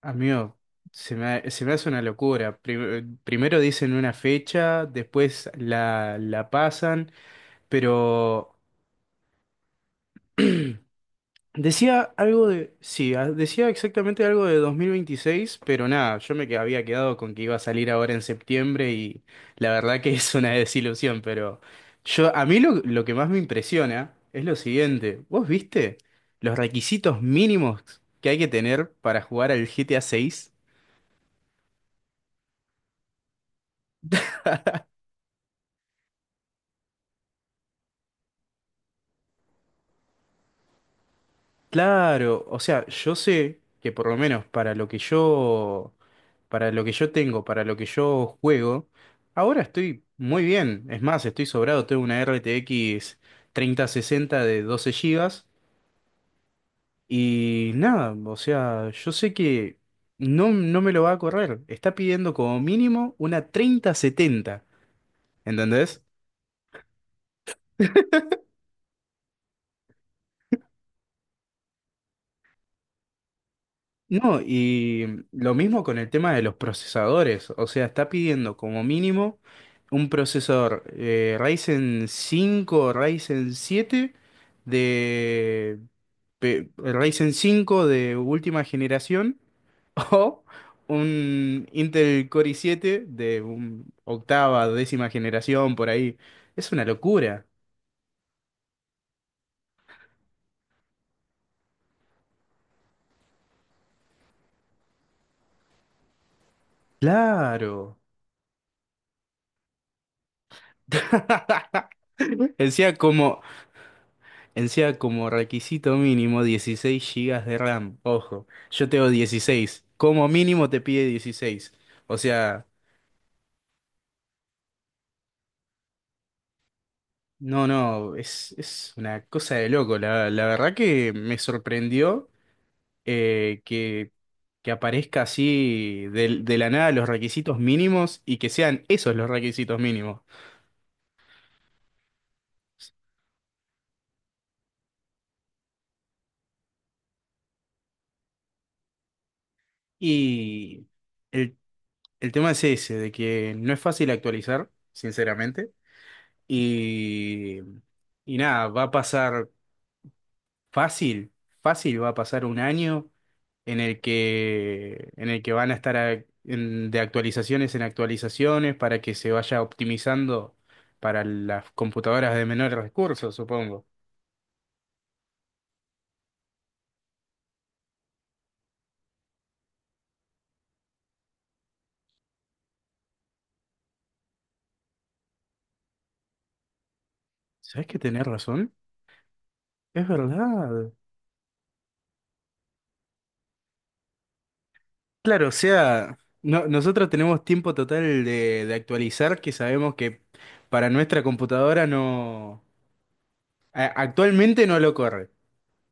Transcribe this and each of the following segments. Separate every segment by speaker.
Speaker 1: Amigo, se me hace una locura. Primero dicen una fecha, después la pasan, pero Sí. Ah, decía exactamente algo de 2026, pero nada, yo había quedado con que iba a salir ahora en septiembre y la verdad que es una desilusión, pero a mí lo que más me impresiona es lo siguiente. ¿Vos viste los requisitos mínimos que hay que tener para jugar al GTA seis? Claro, o sea, yo sé que por lo menos para lo que yo tengo, para lo que yo juego, ahora estoy muy bien. Es más, estoy sobrado, tengo una RTX 3060 de 12 gigas y nada, o sea, yo sé que no, no me lo va a correr. Está pidiendo como mínimo una 3070, ¿entendés? No, y lo mismo con el tema de los procesadores. O sea, está pidiendo como mínimo un procesador Ryzen 5, Ryzen 7, de Ryzen 5 de última generación o un Intel Core i7 de octava, décima generación, por ahí. Es una locura. Claro. Decía como Encima como requisito mínimo 16 gigas de RAM. Ojo, yo tengo 16. Como mínimo te pide 16. O sea, no, no, es una cosa de loco. La verdad que me sorprendió eh, que, que aparezca así de la nada los requisitos mínimos y que sean esos los requisitos mínimos. Y el, el tema es ese, de que no es fácil actualizar, sinceramente. Y, y nada, va a pasar fácil, fácil, va a pasar un año en el que van a estar de actualizaciones en actualizaciones para que se vaya optimizando para las computadoras de menores recursos, supongo. ¿Sabes que tenés razón? Es verdad. Claro, o sea, nosotros tenemos tiempo total de actualizar que sabemos que para nuestra computadora actualmente no lo corre.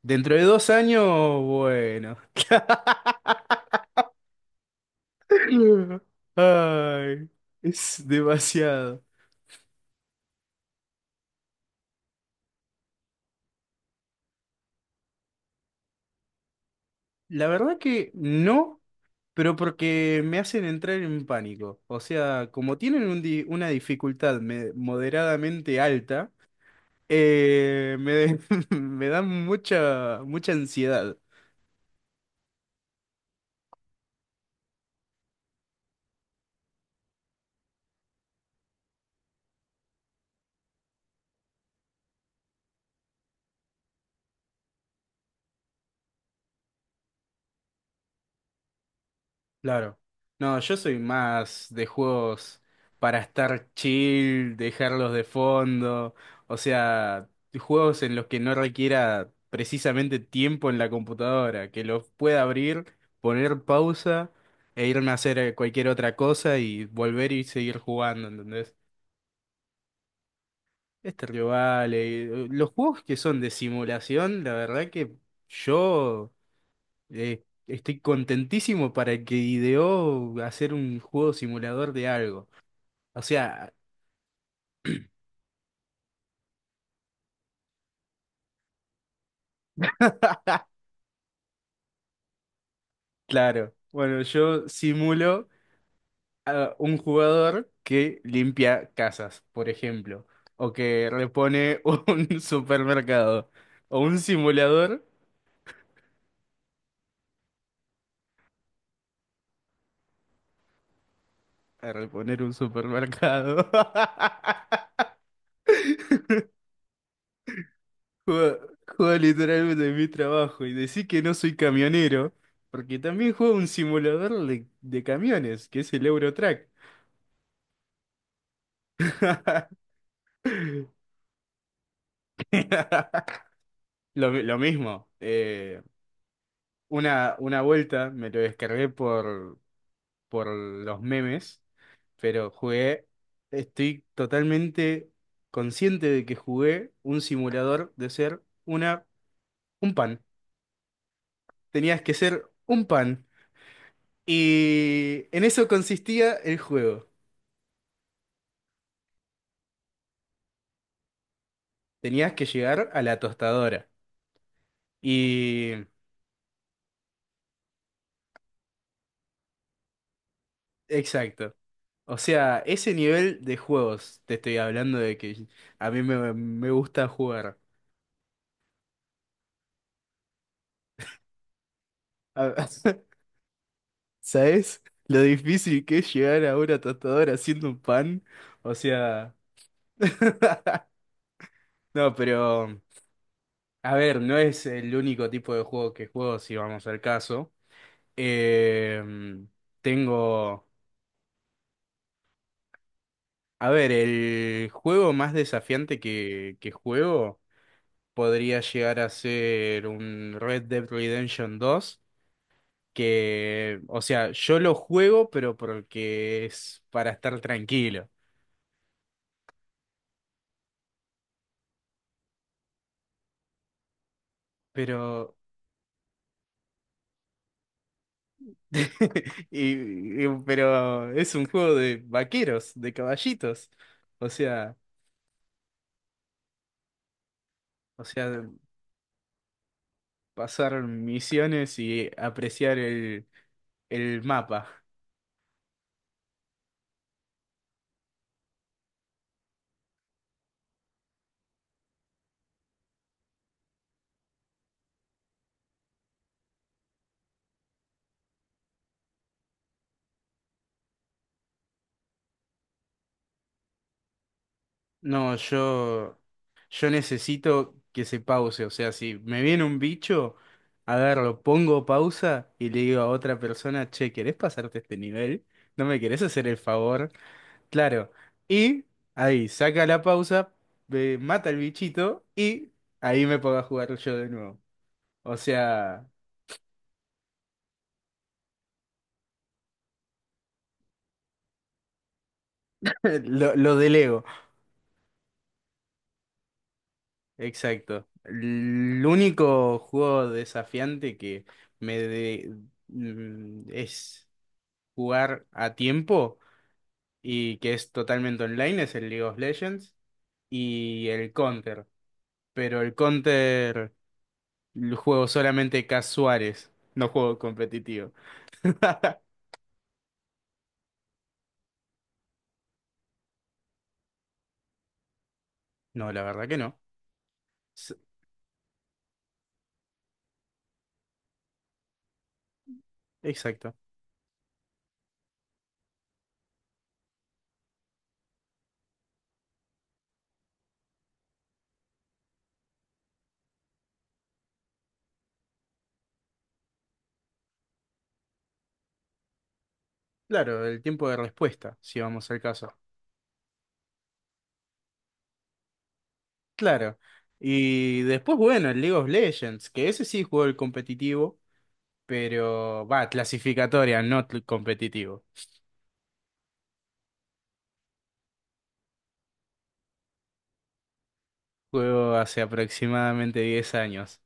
Speaker 1: Dentro de 2 años, bueno. Ay, es demasiado. La verdad que no, pero porque me hacen entrar en pánico. O sea, como tienen una dificultad moderadamente alta, me, me dan mucha, mucha ansiedad. Claro. No, yo soy más de juegos para estar chill, dejarlos de fondo, o sea, juegos en los que no requiera precisamente tiempo en la computadora, que los pueda abrir, poner pausa e irme a hacer cualquier otra cosa y volver y seguir jugando, ¿entendés? Este rival, los juegos que son de simulación, la verdad que yo estoy contentísimo para el que ideó hacer un juego simulador de algo. O sea, claro, bueno, yo simulo a un jugador que limpia casas, por ejemplo, o que repone un supermercado, o un simulador a reponer un supermercado. Juego, juego literalmente mi trabajo y decir que no soy camionero, porque también juego un simulador de camiones, que es el Eurotrack. Lo mismo. Una vuelta me lo descargué por los memes, pero jugué. Estoy totalmente consciente de que jugué un simulador de ser un pan. Tenías que ser un pan. Y en eso consistía el juego. Tenías que llegar a la tostadora. Y. Exacto. O sea, ese nivel de juegos te estoy hablando de que a mí me gusta jugar. A- ¿Sabes? Lo difícil que es llegar a una tostadora haciendo un pan. O sea. No, pero. A ver, no es el único tipo de juego que juego, si vamos al caso. Eh, Tengo. A ver, el juego más desafiante que juego podría llegar a ser un Red Dead Redemption dos que, o sea, yo lo juego, pero porque es para estar tranquilo. Pero, pero es un juego de vaqueros, de caballitos. O sea, o sea, pasar misiones y apreciar el mapa. No, yo necesito que se pause. O sea, si me viene un bicho, a ver, lo pongo pausa y le digo a otra persona, che, ¿querés pasarte este nivel? ¿No me querés hacer el favor? Claro. Y ahí saca la pausa, mata al bichito y ahí me pongo a jugar yo de nuevo. O sea, lo delego. Exacto. El único juego desafiante que me de- es jugar a tiempo y que es totalmente online es el League of Legends y el Counter. Pero el Counter lo juego solamente casuales, no juego competitivo. No, la verdad que no. S- Exacto. Claro, el tiempo de respuesta, si vamos al caso. Claro. Y después, bueno, el League of Legends, que ese sí juego el competitivo, pero va, clasificatoria, no competitivo. Juego hace aproximadamente 10 años.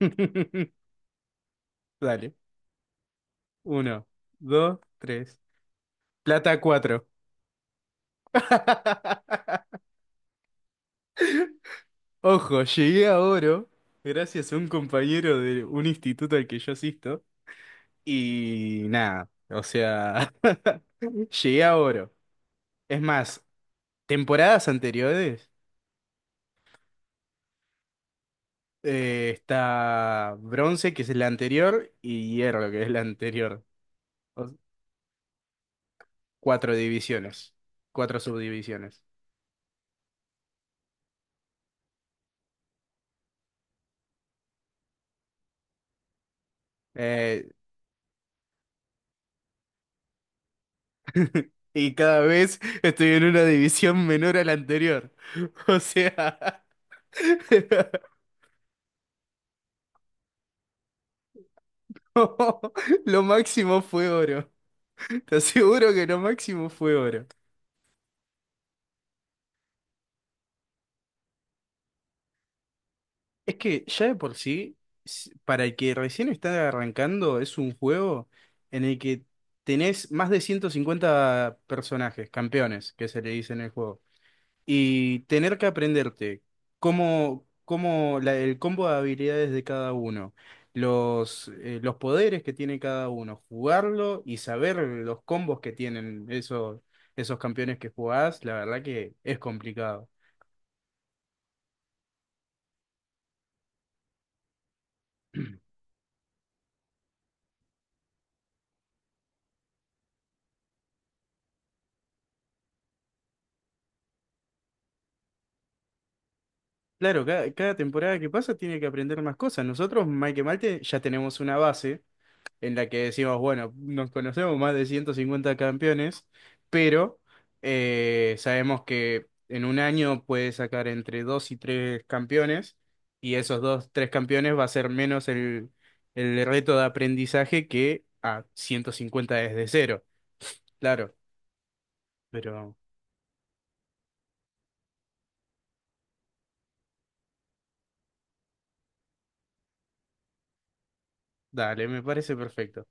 Speaker 1: Dale. Uno, dos, tres. Plata cuatro. Ojo, llegué a oro gracias a un compañero de un instituto al que yo asisto. Y nada, o sea, llegué a oro. Es más, temporadas anteriores está bronce, que es la anterior, y hierro, que es la anterior. O- cuatro divisiones, cuatro subdivisiones. Eh, y cada vez estoy en una división menor a la anterior. O sea, lo máximo fue oro. Te aseguro que lo máximo fue oro. Es que ya de por sí, para el que recién está arrancando, es un juego en el que tenés más de 150 personajes, campeones, que se le dice en el juego. Y tener que aprenderte cómo el combo de habilidades de cada uno, los poderes que tiene cada uno, jugarlo y saber los combos que tienen esos campeones que jugás, la verdad que es complicado. Claro, cada temporada que pasa tiene que aprender más cosas. Nosotros, mal que mal, ya tenemos una base en la que decimos, bueno, nos conocemos más de 150 campeones, pero sabemos que en un año puede sacar entre dos y tres campeones, y esos dos, tres campeones va a ser menos el reto de aprendizaje que a 150 desde cero. Claro, pero dale, me parece perfecto.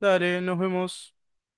Speaker 1: Dale, nos vemos.